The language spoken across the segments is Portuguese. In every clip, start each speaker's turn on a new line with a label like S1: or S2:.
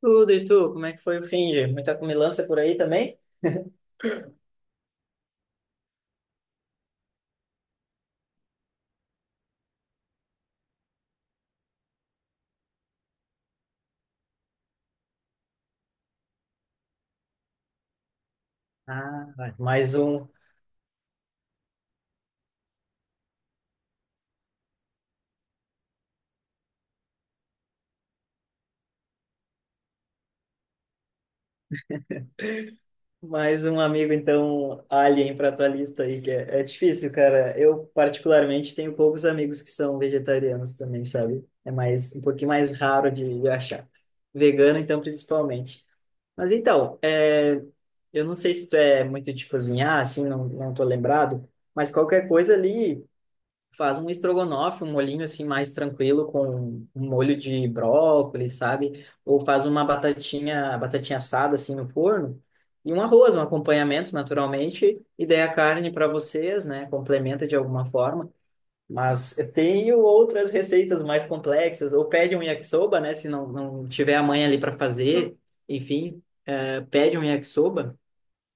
S1: Tudo e tu, como é que foi o Finger? Muita comilança por aí também? Ah, vai. Mais um amigo então alien para tua lista aí que é difícil, cara. Eu particularmente tenho poucos amigos que são vegetarianos também, sabe? É mais um pouquinho mais raro de achar. Vegano então principalmente. Mas então, eu não sei se tu é muito de cozinhar, assim, não, não tô lembrado, mas qualquer coisa ali faz um estrogonofe, um molhinho assim mais tranquilo com um molho de brócolis, sabe? Ou faz uma batatinha, batatinha assada assim no forno e um arroz, um acompanhamento naturalmente, e daí a carne para vocês, né? Complementa de alguma forma. Mas eu tenho outras receitas mais complexas, ou pede um yakisoba, né? Se não tiver a mãe ali para fazer, enfim, pede um yakisoba.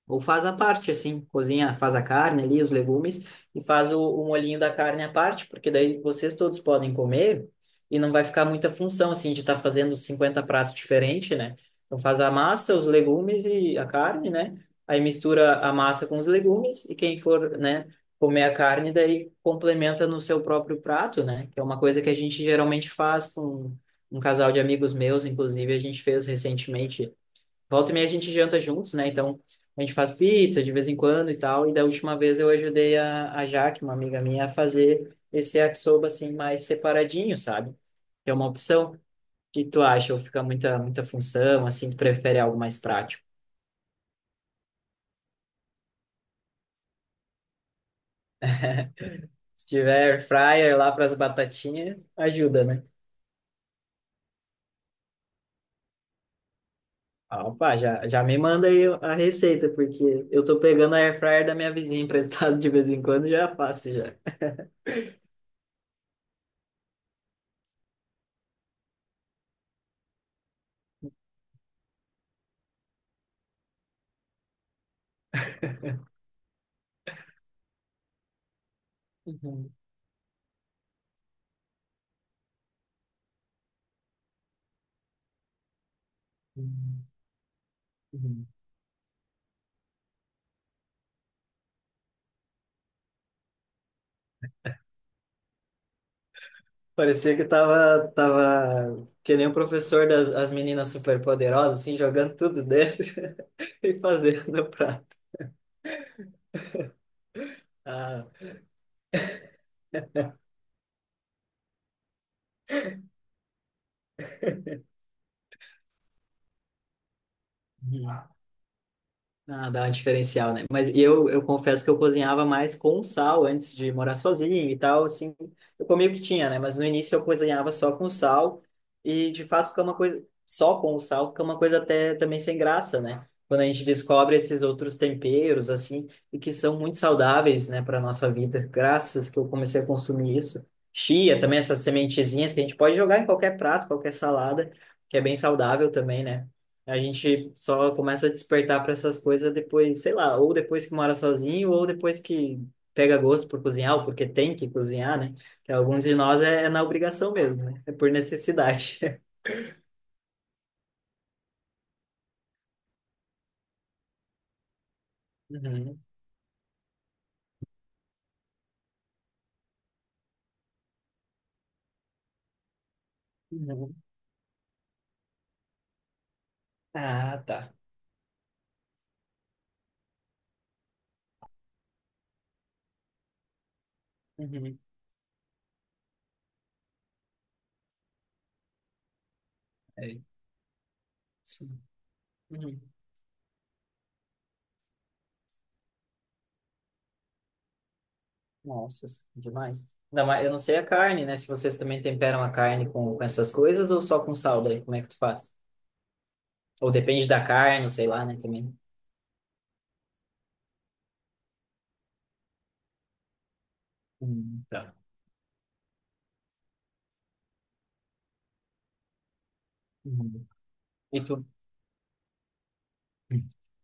S1: Ou faz à parte, assim, cozinha, faz a carne ali, os legumes, e faz o molhinho da carne à parte, porque daí vocês todos podem comer e não vai ficar muita função, assim, de estar fazendo 50 pratos diferentes, né? Então faz a massa, os legumes e a carne, né? Aí mistura a massa com os legumes e quem for, né, comer a carne, daí complementa no seu próprio prato, né? Que é uma coisa que a gente geralmente faz com um casal de amigos meus, inclusive, a gente fez recentemente. Volta e meia a gente janta juntos, né? Então a gente faz pizza de vez em quando e tal. E da última vez eu ajudei a Jaque, uma amiga minha, a fazer esse yakisoba assim mais separadinho, sabe? Que é uma opção. O que tu acha? Ou fica muita, muita função, assim, tu prefere algo mais prático? Se tiver fryer lá para as batatinhas, ajuda, né? Ah, opa, já, já me manda aí a receita, porque eu tô pegando a air fryer da minha vizinha emprestado de vez em quando, já faço já. Uhum. Uhum. Uhum. Parecia que tava que nem o professor das as meninas superpoderosas, assim, jogando tudo dentro e fazendo o prato. Ah. Uhum. Ah, dá um diferencial, né? Mas eu confesso que eu cozinhava mais com sal antes de morar sozinho e tal, assim. Eu comia o que tinha, né? Mas no início eu cozinhava só com sal e, de fato, fica uma coisa. Só com o sal fica uma coisa até também sem graça, né? Quando a gente descobre esses outros temperos, assim, e que são muito saudáveis, né, para nossa vida. Graças que eu comecei a consumir isso. Chia também, essas sementezinhas que a gente pode jogar em qualquer prato, qualquer salada, que é bem saudável também, né? A gente só começa a despertar para essas coisas depois, sei lá, ou depois que mora sozinho, ou depois que pega gosto por cozinhar, ou porque tem que cozinhar, né? Que alguns de nós é na obrigação mesmo, né? É por necessidade. Uhum. Uhum. Ah, tá. Uhum. É, sim. Uhum. Nossa, demais. Ainda mais, eu não sei a carne, né? Se vocês também temperam a carne com essas coisas ou só com sal daí, como é que tu faz? Ou depende da carne, sei lá, né, também. Tá. Uhum. E tu?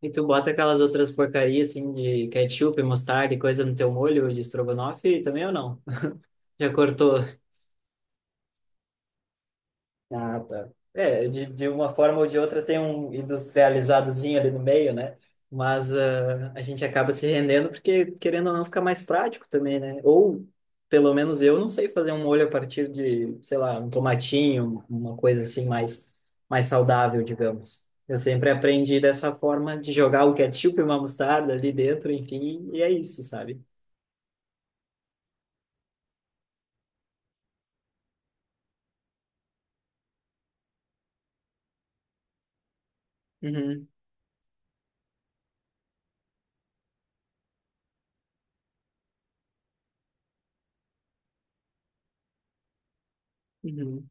S1: E tu bota aquelas outras porcarias assim de ketchup, mostarda e coisa no teu molho de estrogonofe também ou não? Já cortou? Ah, tá. É, de uma forma ou de outra tem um industrializadozinho ali no meio, né? Mas ah, a gente acaba se rendendo porque, querendo ou não, fica mais prático também, né? Ou, pelo menos eu não sei fazer um molho a partir de, sei lá, um tomatinho, uma coisa assim mais saudável, digamos. Eu sempre aprendi dessa forma de jogar o ketchup e uma mostarda ali dentro, enfim, e é isso, sabe? Uhum. Uhum.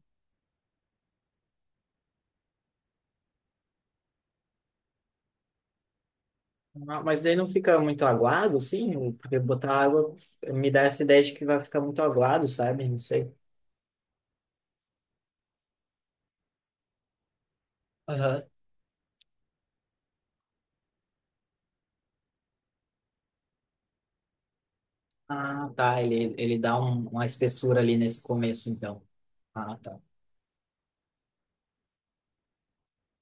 S1: Ah, mas daí não fica muito aguado, assim? Porque botar água me dá essa ideia de que vai ficar muito aguado, sabe? Não sei. Aham. Ah, tá. Ele dá uma espessura ali nesse começo, então. Ah, tá.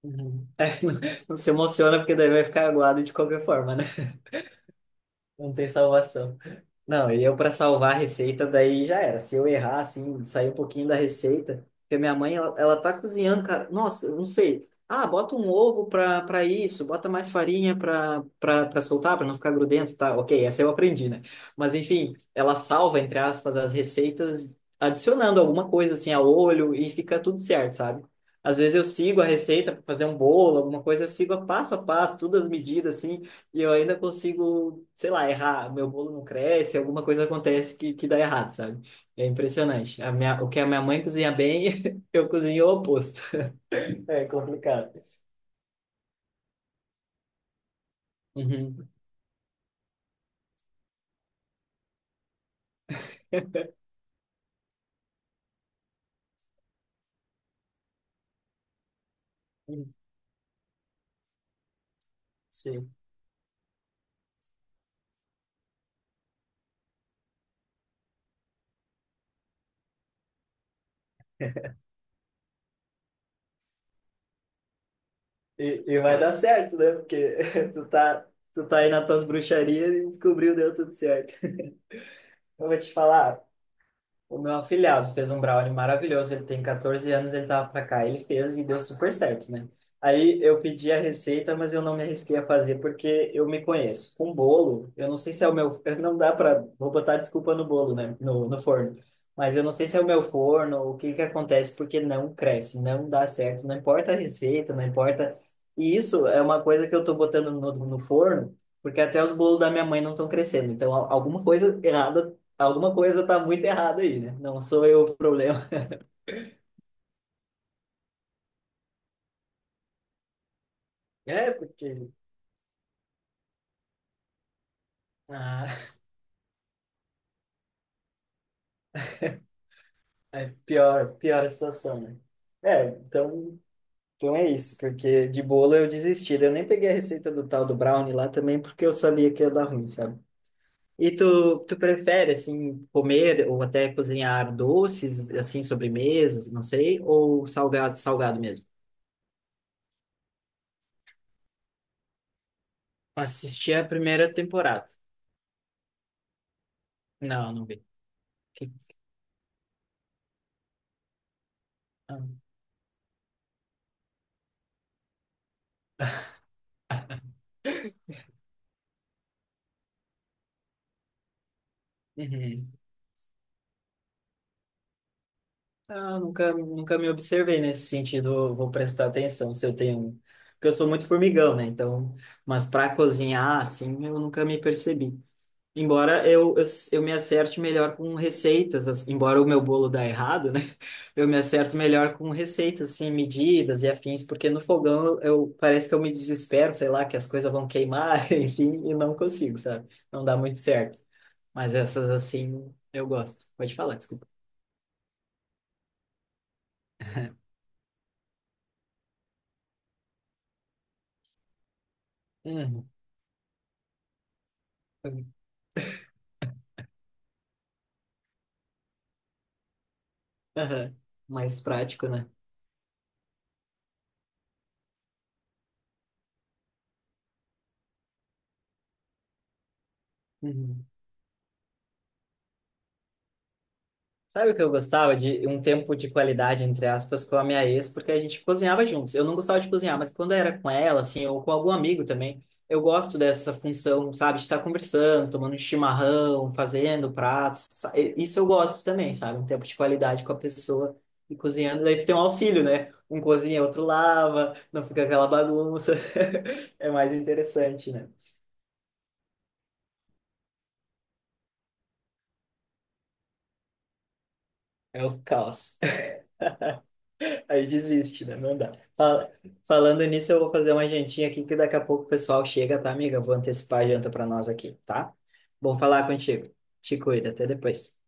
S1: Uhum. É, não, não se emociona, porque daí vai ficar aguado de qualquer forma, né? Não tem salvação. Não, e eu para salvar a receita, daí já era. Se eu errar, assim, sair um pouquinho da receita, porque minha mãe, ela tá cozinhando, cara. Nossa, eu não sei. Ah, bota um ovo para isso, bota mais farinha para soltar, para não ficar grudento, tá? Ok, essa eu aprendi, né? Mas enfim, ela salva, entre aspas, as receitas adicionando alguma coisa, assim, a olho e fica tudo certo, sabe? Às vezes eu sigo a receita para fazer um bolo, alguma coisa, eu sigo a passo, todas as medidas, assim. E eu ainda consigo, sei lá, errar. Meu bolo não cresce, alguma coisa acontece que dá errado, sabe? É impressionante. O que a minha mãe cozinha bem, eu cozinho o oposto. É complicado. Uhum. Sim. E vai dar certo, né? Porque tu tá aí nas tuas bruxarias e descobriu, deu tudo certo. Eu vou te falar. O meu afilhado fez um brownie maravilhoso, ele tem 14 anos, ele tava pra cá, ele fez e deu super certo, né? Aí eu pedi a receita, mas eu não me arrisquei a fazer porque eu me conheço. Com bolo, eu não sei se é o meu, não dá pra, vou botar desculpa no bolo, né? No forno. Mas eu não sei se é o meu forno, o que que acontece, porque não cresce, não dá certo, não importa a receita, não importa. E isso é uma coisa que eu tô botando no forno, porque até os bolos da minha mãe não estão crescendo. Então, alguma coisa tá muito errada aí, né? Não sou eu o problema. É, porque ah, é pior, pior a situação, né? É, então é isso, porque de bolo eu desisti. Eu nem peguei a receita do tal do brownie lá também, porque eu sabia que ia dar ruim, sabe? E tu prefere, assim, comer ou até cozinhar doces, assim, sobremesas, não sei, ou salgado, salgado mesmo? Assisti a primeira temporada. Não, não vi. Que- ah, uhum. Ah, nunca, nunca me observei nesse sentido. Eu vou prestar atenção se eu tenho. Porque eu sou muito formigão, né? Então, mas para cozinhar, assim, eu nunca me percebi. Embora eu me acerte melhor com receitas, assim, embora o meu bolo dá errado, né? Eu me acerto melhor com receitas, assim, medidas e afins, porque no fogão parece que eu me desespero, sei lá, que as coisas vão queimar, enfim, e não consigo, sabe? Não dá muito certo. Mas essas, assim, eu gosto. Pode falar, desculpa. Uhum. Aham. Mais prático, né? Uhum. Sabe o que eu gostava de um tempo de qualidade, entre aspas, com a minha ex, porque a gente cozinhava juntos. Eu não gostava de cozinhar, mas quando era com ela, assim, ou com algum amigo também, eu gosto dessa função, sabe, de estar conversando, tomando um chimarrão, fazendo pratos. Isso eu gosto também, sabe? Um tempo de qualidade com a pessoa e cozinhando. Daí tu tem um auxílio, né? Um cozinha, outro lava, não fica aquela bagunça. É mais interessante, né? É o caos. Aí desiste, né? Não dá. Fala- Falando nisso, eu vou fazer uma jantinha aqui que daqui a pouco o pessoal chega, tá, amiga? Vou antecipar a janta para nós aqui, tá? Bom falar contigo. Te cuida, até depois.